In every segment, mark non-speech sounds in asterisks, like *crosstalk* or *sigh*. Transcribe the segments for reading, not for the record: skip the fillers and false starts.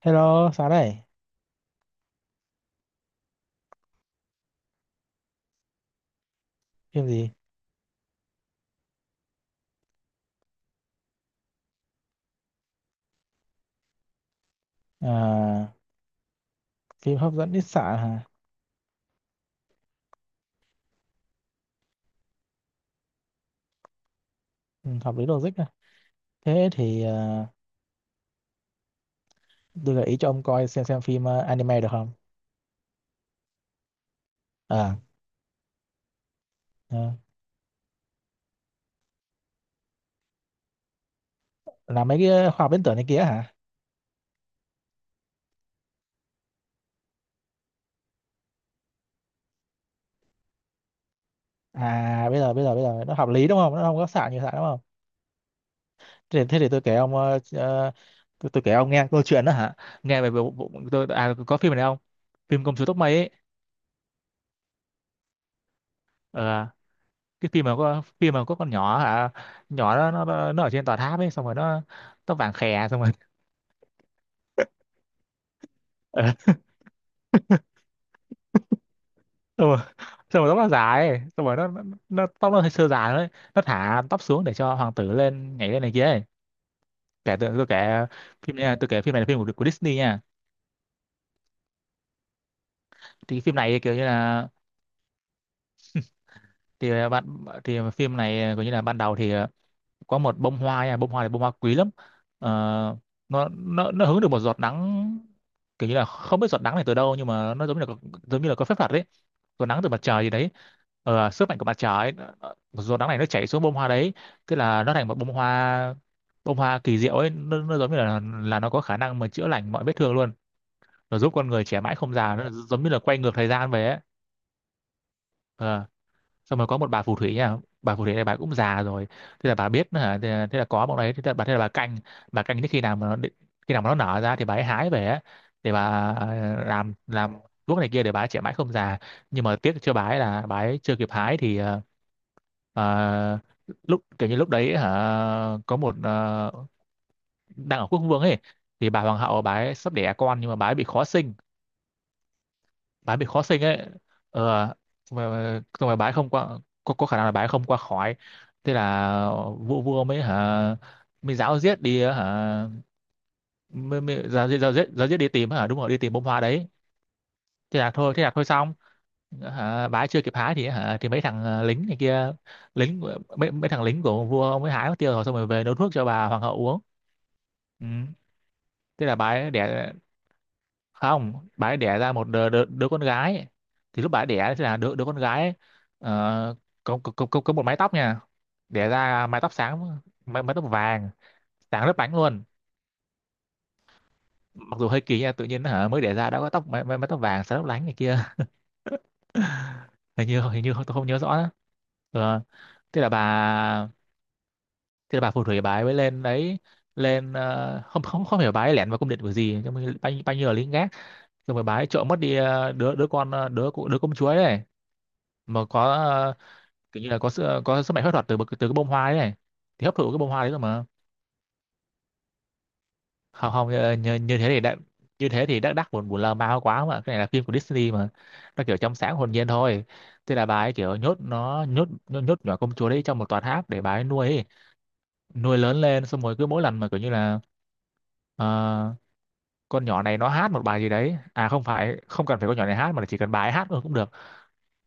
Hello, sáng này, phim gì? À, phim hấp dẫn ít xạ hả? Ừ, hợp lý logic à. Thế thì tôi gợi ý cho ông coi xem phim anime được không? À, à, là mấy cái khoa học viễn tưởng này kia hả? À, bây giờ nó hợp lý đúng không? Nó không có xạ nhiều xạ đúng không? Thế thì tôi kể ông, tôi kể ông nghe câu chuyện đó hả? Nghe về bộ, bộ, tôi có phim này không? Phim Công chúa tóc mây ấy. Ờ, cái phim mà có con nhỏ hả? Nhỏ nó ở trên tòa tháp ấy, xong rồi nó tóc vàng khè xong rồi *laughs* xong rồi, *laughs* xong rồi tóc nó dài ấy. Xong rồi nó tóc nó hơi sơ dài đấy, nó thả tóc xuống để cho hoàng tử lên nhảy lên này kia ấy. Kể tôi kể phim này, tôi kể phim này là phim của Disney nha. Thì cái phim này kiểu như là thì bạn thì phim này kiểu như là ban đầu thì, có một bông hoa nha, bông hoa này bông hoa quý lắm. Ờ, nó hứng được một giọt nắng, kiểu như là không biết giọt nắng này từ đâu nhưng mà nó giống như là giống như là có phép thuật đấy, giọt nắng từ mặt trời gì đấy. Sức mạnh của mặt trời ấy, giọt nắng này nó chảy xuống bông hoa đấy, tức là nó thành một bông hoa, bông hoa kỳ diệu ấy, nó giống như là nó có khả năng mà chữa lành mọi vết thương luôn. Nó giúp con người trẻ mãi không già, nó giống như là quay ngược thời gian về ấy. Ờ, xong rồi có một bà phù thủy nha, bà phù thủy này bà cũng già rồi. Thế là bà biết hả, thế là có bọn đấy, thế là bà canh, bà canh đến khi nào mà khi nào mà nó nở ra thì bà ấy hái về á, để bà, làm thuốc này kia để bà ấy trẻ mãi không già. Nhưng mà tiếc cho bà ấy là bà ấy chưa kịp hái thì, ờ, lúc kiểu như lúc đấy hả, có một, đang ở quốc vương ấy, thì bà hoàng hậu bà ấy sắp đẻ con nhưng mà bà ấy bị khó sinh, bái bị khó sinh ấy. ờ Xong rồi bái không qua, có khả năng là bái không qua khỏi. Thế là vua vua mới hả, mới giáo giết đi hả, mới giáo giết đi tìm hả, đúng rồi đi tìm bông hoa đấy. Thế là thôi xong hả, bái chưa kịp hái thì hả thì mấy thằng, lính này kia, mấy mấy thằng lính của vua ông ấy hái mất tiêu rồi, xong rồi về nấu thuốc cho bà hoàng hậu uống. Ừ. Thế là bái đẻ, không bà ấy đẻ ra một đứa con gái ấy. Thì lúc bà ấy đẻ thì là đứa đứa con gái ấy, ờ, có một mái tóc nha, đẻ ra mái tóc sáng, mái tóc vàng sáng lấp lánh luôn. Mặc dù hơi kỳ nha, tự nhiên hả mới đẻ ra đã có tóc mái tóc vàng sáng lấp lánh này kia. *laughs* Hình như tôi không nhớ rõ nữa. Ờ, thế là bà thế là bà phù thủy bà ấy mới lên đấy, lên, không không không hiểu bà ấy lẻn vào cung điện của gì nhưng mà bao nhiêu là lính gác, xong rồi bà ấy trộm mất đi, đứa đứa con, đứa đứa công chúa ấy, mà có, kiểu như là có sự có sức mạnh phép thuật từ từ cái bông hoa đấy này, thì hấp thụ cái bông hoa đấy rồi mà. Không không như thế thì đã, như thế thì đắc đắc buồn buồn lơ ma quá mà, cái này là phim của Disney mà, nó kiểu trong sáng hồn nhiên thôi. Thế là bà ấy kiểu nhốt nó, nhốt nhốt, nhốt nhỏ công chúa đấy trong một tòa tháp để bà ấy nuôi ấy. Nuôi lớn lên xong rồi cứ mỗi lần mà kiểu như là, ờ, con nhỏ này nó hát một bài gì đấy, à không phải, không cần phải con nhỏ này hát mà chỉ cần bà ấy hát thôi cũng được.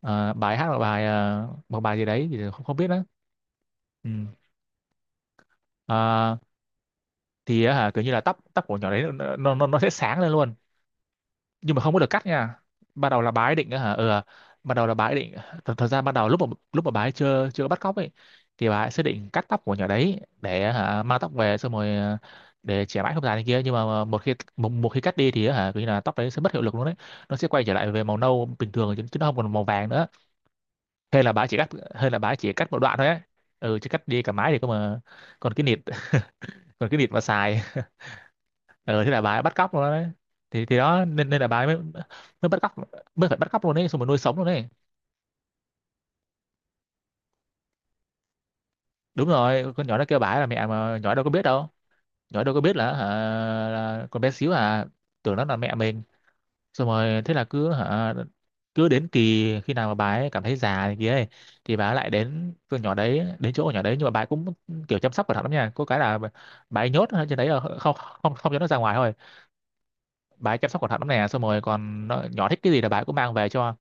Ờ, bà ấy hát một bài, một bài gì đấy thì không không biết đó. Ừ. Ờ, thì á hả kiểu như là tóc tóc của nhỏ đấy nó sẽ sáng lên luôn. Nhưng mà không có được cắt nha. Ban đầu là bà ấy định á hả, ban đầu là bà ấy định, thật, thật ra ban đầu lúc mà, lúc mà bà ấy chưa chưa có bắt cóc ấy thì bà ấy sẽ định cắt tóc của nhỏ đấy, để á hả mang tóc về, xong rồi, để trẻ mãi không già này kia. Nhưng mà một khi một khi cắt đi thì á hả kiểu như là tóc đấy sẽ mất hiệu lực luôn đấy, nó sẽ quay trở lại về màu nâu bình thường, chứ nó không còn màu vàng nữa. Hay là bà ấy chỉ cắt, hay là bà ấy chỉ cắt một đoạn thôi ấy. Ừ, chứ cắt đi cả mái thì cơ mà còn cái nịt *laughs* còn cái nịt mà xài. Ờ Thế là bà ấy bắt cóc luôn đấy, thì đó, nên nên là bà ấy mới, mới bắt cóc, mới phải bắt cóc luôn đấy, xong rồi nuôi sống luôn đấy. Đúng rồi, con nhỏ nó kêu bà ấy là mẹ mà nhỏ đâu có biết đâu, nhỏ đâu có biết là, hả, là con bé xíu à, tưởng nó là mẹ mình. Xong rồi thế là cứ hả, cứ đến kỳ khi nào mà bà ấy cảm thấy già này kia ấy, thì bà ấy lại đến con nhỏ đấy đến chỗ con nhỏ đấy, nhưng mà bà ấy cũng kiểu chăm sóc cẩn thận lắm nha, có cái là bà ấy nhốt ở trên đấy, là không không không cho nó ra ngoài thôi. Bà ấy chăm sóc cẩn thận lắm nè, xong rồi còn nó, nhỏ thích cái gì là bà ấy cũng mang về cho.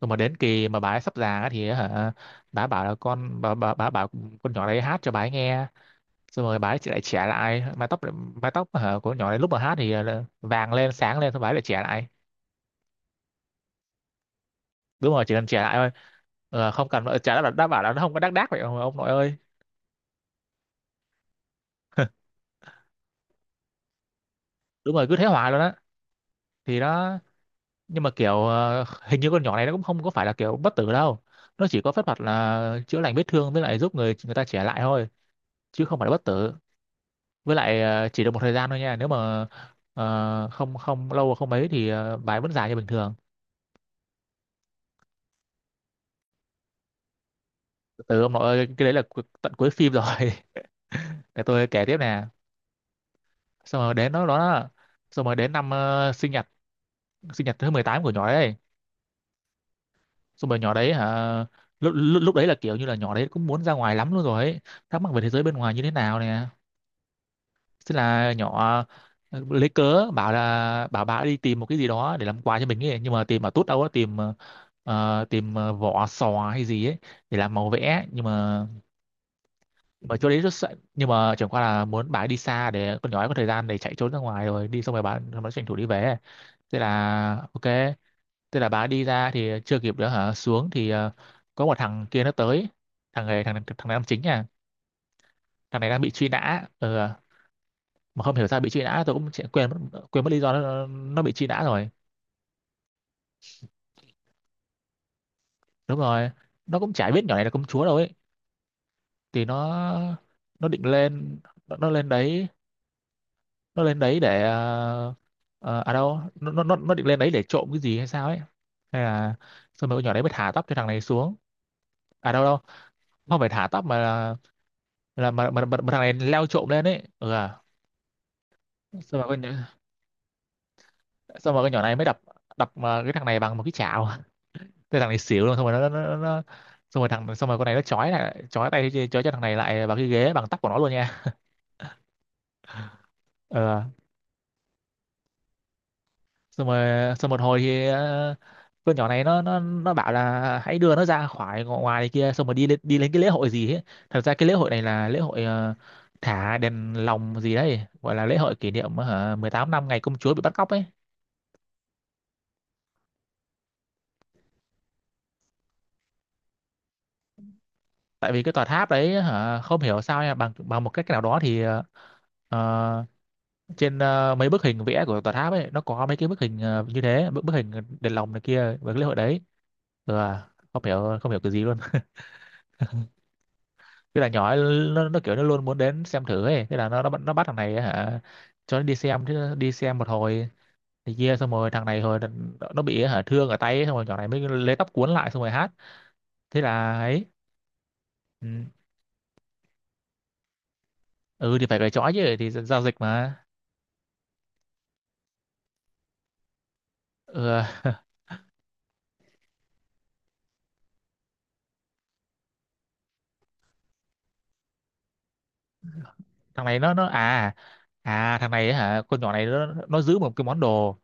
Rồi mà đến kỳ mà bà ấy sắp già á thì hả, bà ấy bảo là con, bà bảo con nhỏ đấy hát cho bà ấy nghe, xong rồi bà ấy lại trẻ lại. Mái tóc, mái tóc hả của con nhỏ đấy lúc mà hát thì, là vàng lên sáng lên, xong bà ấy lại trẻ lại. Đúng rồi chỉ cần trẻ lại thôi. Ờ, không cần trả lời, đã bảo là nó không có đắc đác vậy ông nội ơi. *laughs* Đúng rồi, cứ thế hoài luôn á, thì đó. Nhưng mà kiểu, hình như con nhỏ này nó cũng không có phải là kiểu bất tử đâu. Nó chỉ có phép thuật là chữa lành vết thương với lại giúp người người ta trẻ lại thôi, chứ không phải là bất tử. Với lại, chỉ được một thời gian thôi nha, nếu mà, không không lâu và không mấy thì, bài vẫn dài như bình thường. Từ ông nội ơi, cái đấy là tận cuối phim rồi. *laughs* Để tôi kể tiếp nè. Xong rồi đến đó đó, xong rồi đến năm, sinh nhật, sinh nhật thứ 18 của nhỏ đấy. Xong rồi nhỏ đấy hả, lúc, lúc lúc đấy là kiểu như là nhỏ đấy cũng muốn ra ngoài lắm luôn rồi ấy, thắc mắc về thế giới bên ngoài như thế nào nè. Thế là nhỏ, lấy cớ bảo là bảo bà đi tìm một cái gì đó để làm quà cho mình ấy, nhưng mà tìm mà tốt đâu á, tìm, tìm, vỏ sò hay gì ấy để làm màu vẽ. Nhưng mà chỗ đấy rất sợ, nhưng mà chẳng qua là muốn bà ấy đi xa để con nhỏ ấy có thời gian để chạy trốn ra ngoài rồi đi, xong rồi bà nó tranh thủ đi về. Thế là ok. Thế là bà ấy đi ra thì chưa kịp nữa hả, xuống thì, có một thằng kia nó tới. Thằng này thằng thằng này làm chính nha. Thằng này đang bị truy nã. Ừ. À. Mà không hiểu sao bị truy nã tôi cũng quên mất lý do nó bị truy nã rồi. Đúng rồi, nó cũng chả biết nhỏ này là công chúa đâu ấy. Thì nó định lên, nó lên đấy, nó lên đấy để ờ, ờ, à đâu nó định lên đấy để trộm cái gì hay sao ấy, hay là xong rồi con nhỏ đấy mới thả tóc cho thằng này xuống. À đâu đâu, không phải thả tóc mà là mà thằng này leo trộm lên ấy, ừ à. Xong rồi xong rồi con nhỏ này mới đập, đập cái thằng này bằng một cái chảo. Thế thằng này xỉu luôn, xong rồi nó xong rồi xong rồi con này nó chói lại, chói tay, chói cho thằng này lại vào cái ghế bằng tóc của nó luôn nha. Ờ, xong rồi xong một hồi thì con nhỏ này nó bảo là hãy đưa nó ra khỏi ngõ ngoài này kia, xong rồi đi lên cái lễ hội gì ấy. Thật ra cái lễ hội này là lễ hội thả đèn lồng gì đấy, gọi là lễ hội kỷ niệm hả 18 năm ngày công chúa bị bắt cóc ấy. Tại vì cái tòa tháp đấy hả, không hiểu sao nha, bằng bằng một cách nào đó thì ờ, trên mấy bức hình vẽ của tòa tháp ấy, nó có mấy cái bức hình như thế, bức bức hình đèn lồng này kia và cái lễ hội đấy. Ừ, à, không hiểu cái gì luôn. *laughs* Cái là nhỏ ấy, nó kiểu nó luôn muốn đến xem thử ấy, thế là nó bắt thằng này ấy, hả, cho nó đi xem. Chứ đi xem một hồi thì kia xong rồi thằng này hồi nó bị hả thương ở tay ấy, xong rồi nhỏ này mới lấy tóc cuốn lại xong rồi hát. Thế là ấy. Ừ, ừ thì phải cởi trói chứ, thì giao dịch mà. Ừ, *laughs* thằng này nó à à thằng này ấy hả, con nhỏ này nó giữ một cái món đồ,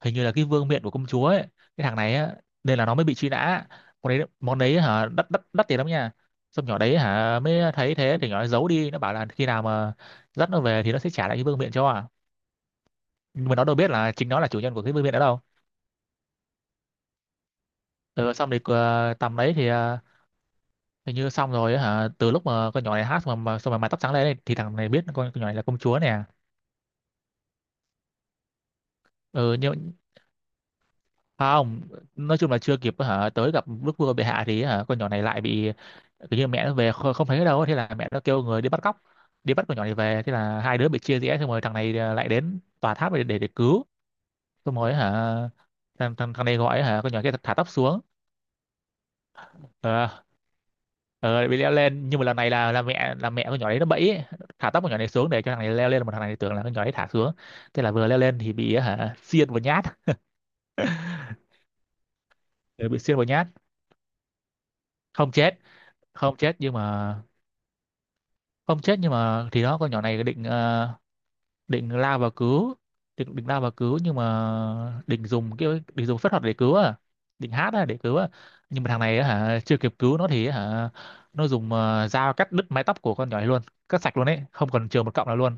hình như là cái vương miện của công chúa ấy, cái thằng này á, nên là nó mới bị truy nã. Món đấy hả đắt đắt đắt tiền lắm nha. Xong nhỏ đấy hả mới thấy thế, thì nhỏ ấy giấu đi, nó bảo là khi nào mà dắt nó về thì nó sẽ trả lại cái vương miện cho, à, nhưng mà nó đâu biết là chính nó là chủ nhân của cái vương miện đó đâu. Ừ, xong thì tầm đấy thì hình như xong rồi á hả, từ lúc mà con nhỏ này hát mà xong rồi mái tóc trắng lên ấy, thì thằng này biết con nhỏ này là công chúa nè. Ừ, nhưng không, nói chung là chưa kịp hả tới gặp đức vua bệ hạ thì hả con nhỏ này lại bị, kiểu như mẹ nó về không thấy ở đâu, thế là mẹ nó kêu người đi bắt cóc, đi bắt con nhỏ này về, thế là hai đứa bị chia rẽ. Xong rồi thằng này lại đến tòa tháp để để cứu. Xong rồi hả, thằng thằng thằng này gọi hả con nhỏ kia thả tóc xuống. Ờ, ờ bị leo lên, nhưng mà lần này là là mẹ con nhỏ đấy nó bẫy ấy. Thả tóc con nhỏ này xuống để cho thằng này leo lên, mà thằng này tưởng là con nhỏ đấy thả xuống. Thế là vừa leo lên thì bị hả xiên vào nhát. Ừ, bị xiên vào nhát. Không chết, không chết nhưng mà, không chết nhưng mà thì đó, con nhỏ này định định lao vào cứu, định định lao vào cứu nhưng mà định dùng phép thuật để cứu à, định hát á để cứu à. Nhưng mà thằng này á hả, chưa kịp cứu nó thì á hả nó dùng dao cắt đứt mái tóc của con nhỏ này luôn, cắt sạch luôn ấy, không còn chừa một cọng nào luôn.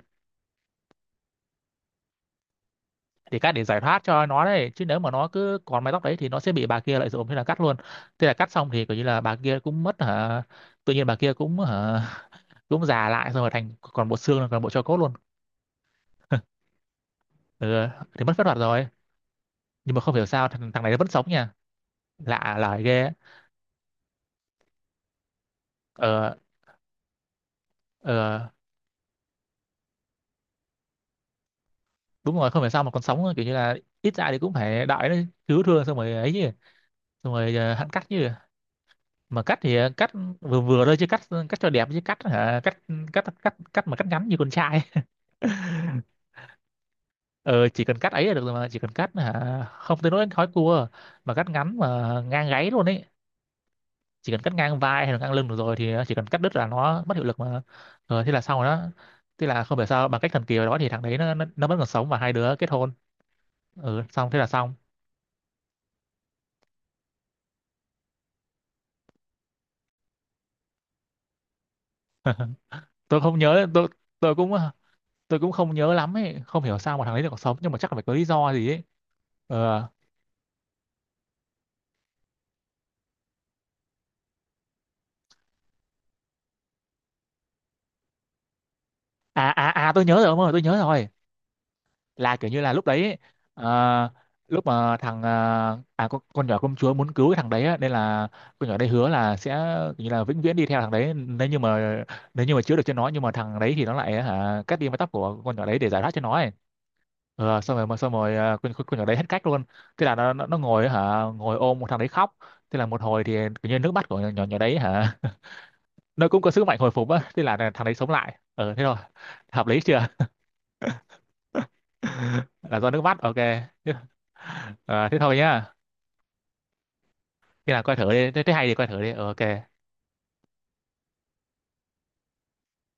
Để cắt để giải thoát cho nó đấy chứ, nếu mà nó cứ còn mái tóc đấy thì nó sẽ bị bà kia lợi dụng, thế là cắt luôn. Thế là cắt xong thì coi như là bà kia cũng mất hả, tự nhiên bà kia cũng hả *laughs* cũng già lại, xong rồi thành còn bộ xương, còn bộ tro cốt luôn. Ừ, thì mất phép thuật rồi. Nhưng mà không hiểu sao thằng này nó vẫn sống nha, lạ lời ghê á. Ờ, ờ đúng rồi, không hiểu sao mà còn sống, kiểu như là ít ra thì cũng phải đợi nó cứu thương xong rồi ấy chứ. Xong rồi hắn cắt chứ, mà cắt thì cắt vừa vừa thôi chứ, cắt, cắt cho đẹp chứ, cắt hả cắt cắt cắt cắt mà cắt ngắn như con trai. *laughs* Ờ chỉ cần cắt ấy là được rồi mà, chỉ cần cắt hả không tới nỗi khói cua, mà cắt ngắn mà ngang gáy luôn ấy. Chỉ cần cắt ngang vai hay là ngang lưng được rồi, thì nó chỉ cần cắt đứt là nó mất hiệu lực mà. Rồi thế là xong rồi đó. Thế là không phải sao, bằng cách thần kỳ nào đó thì thằng đấy nó vẫn còn sống và hai đứa kết hôn. Ừ, xong thế là xong. tôi không nhớ tôi tôi cũng tôi cũng không nhớ lắm ấy, không hiểu sao mà thằng đấy lại còn sống, nhưng mà chắc là phải có lý do gì ấy. Ờ tôi nhớ rồi, ông ơi tôi nhớ rồi, là kiểu như là lúc đấy ấy, ờ, lúc mà thằng ờ, à con nhỏ công chúa muốn cứu cái thằng đấy á, nên là con nhỏ đấy hứa là sẽ kiểu như là vĩnh viễn đi theo thằng đấy nếu như mà, nếu như mà chữa được cho nó, nhưng mà thằng đấy thì nó lại hả cắt đi mái tóc của con nhỏ đấy để giải thoát cho nó ấy. Ờ, xong rồi con nhỏ đấy hết cách luôn. Thế là nó ngồi hả ngồi ôm một thằng đấy khóc. Thế là một hồi thì kiểu như nước mắt của nhỏ nhỏ đấy hả *laughs* nó cũng có sức mạnh hồi phục á, thế là thằng đấy sống lại. Ờ thế rồi hợp lý chưa? *laughs* Là do nước mắt, ok. À, thế thôi nhá. Khi nào coi thử đi, thế hay thì coi thử đi. Ờ, ok.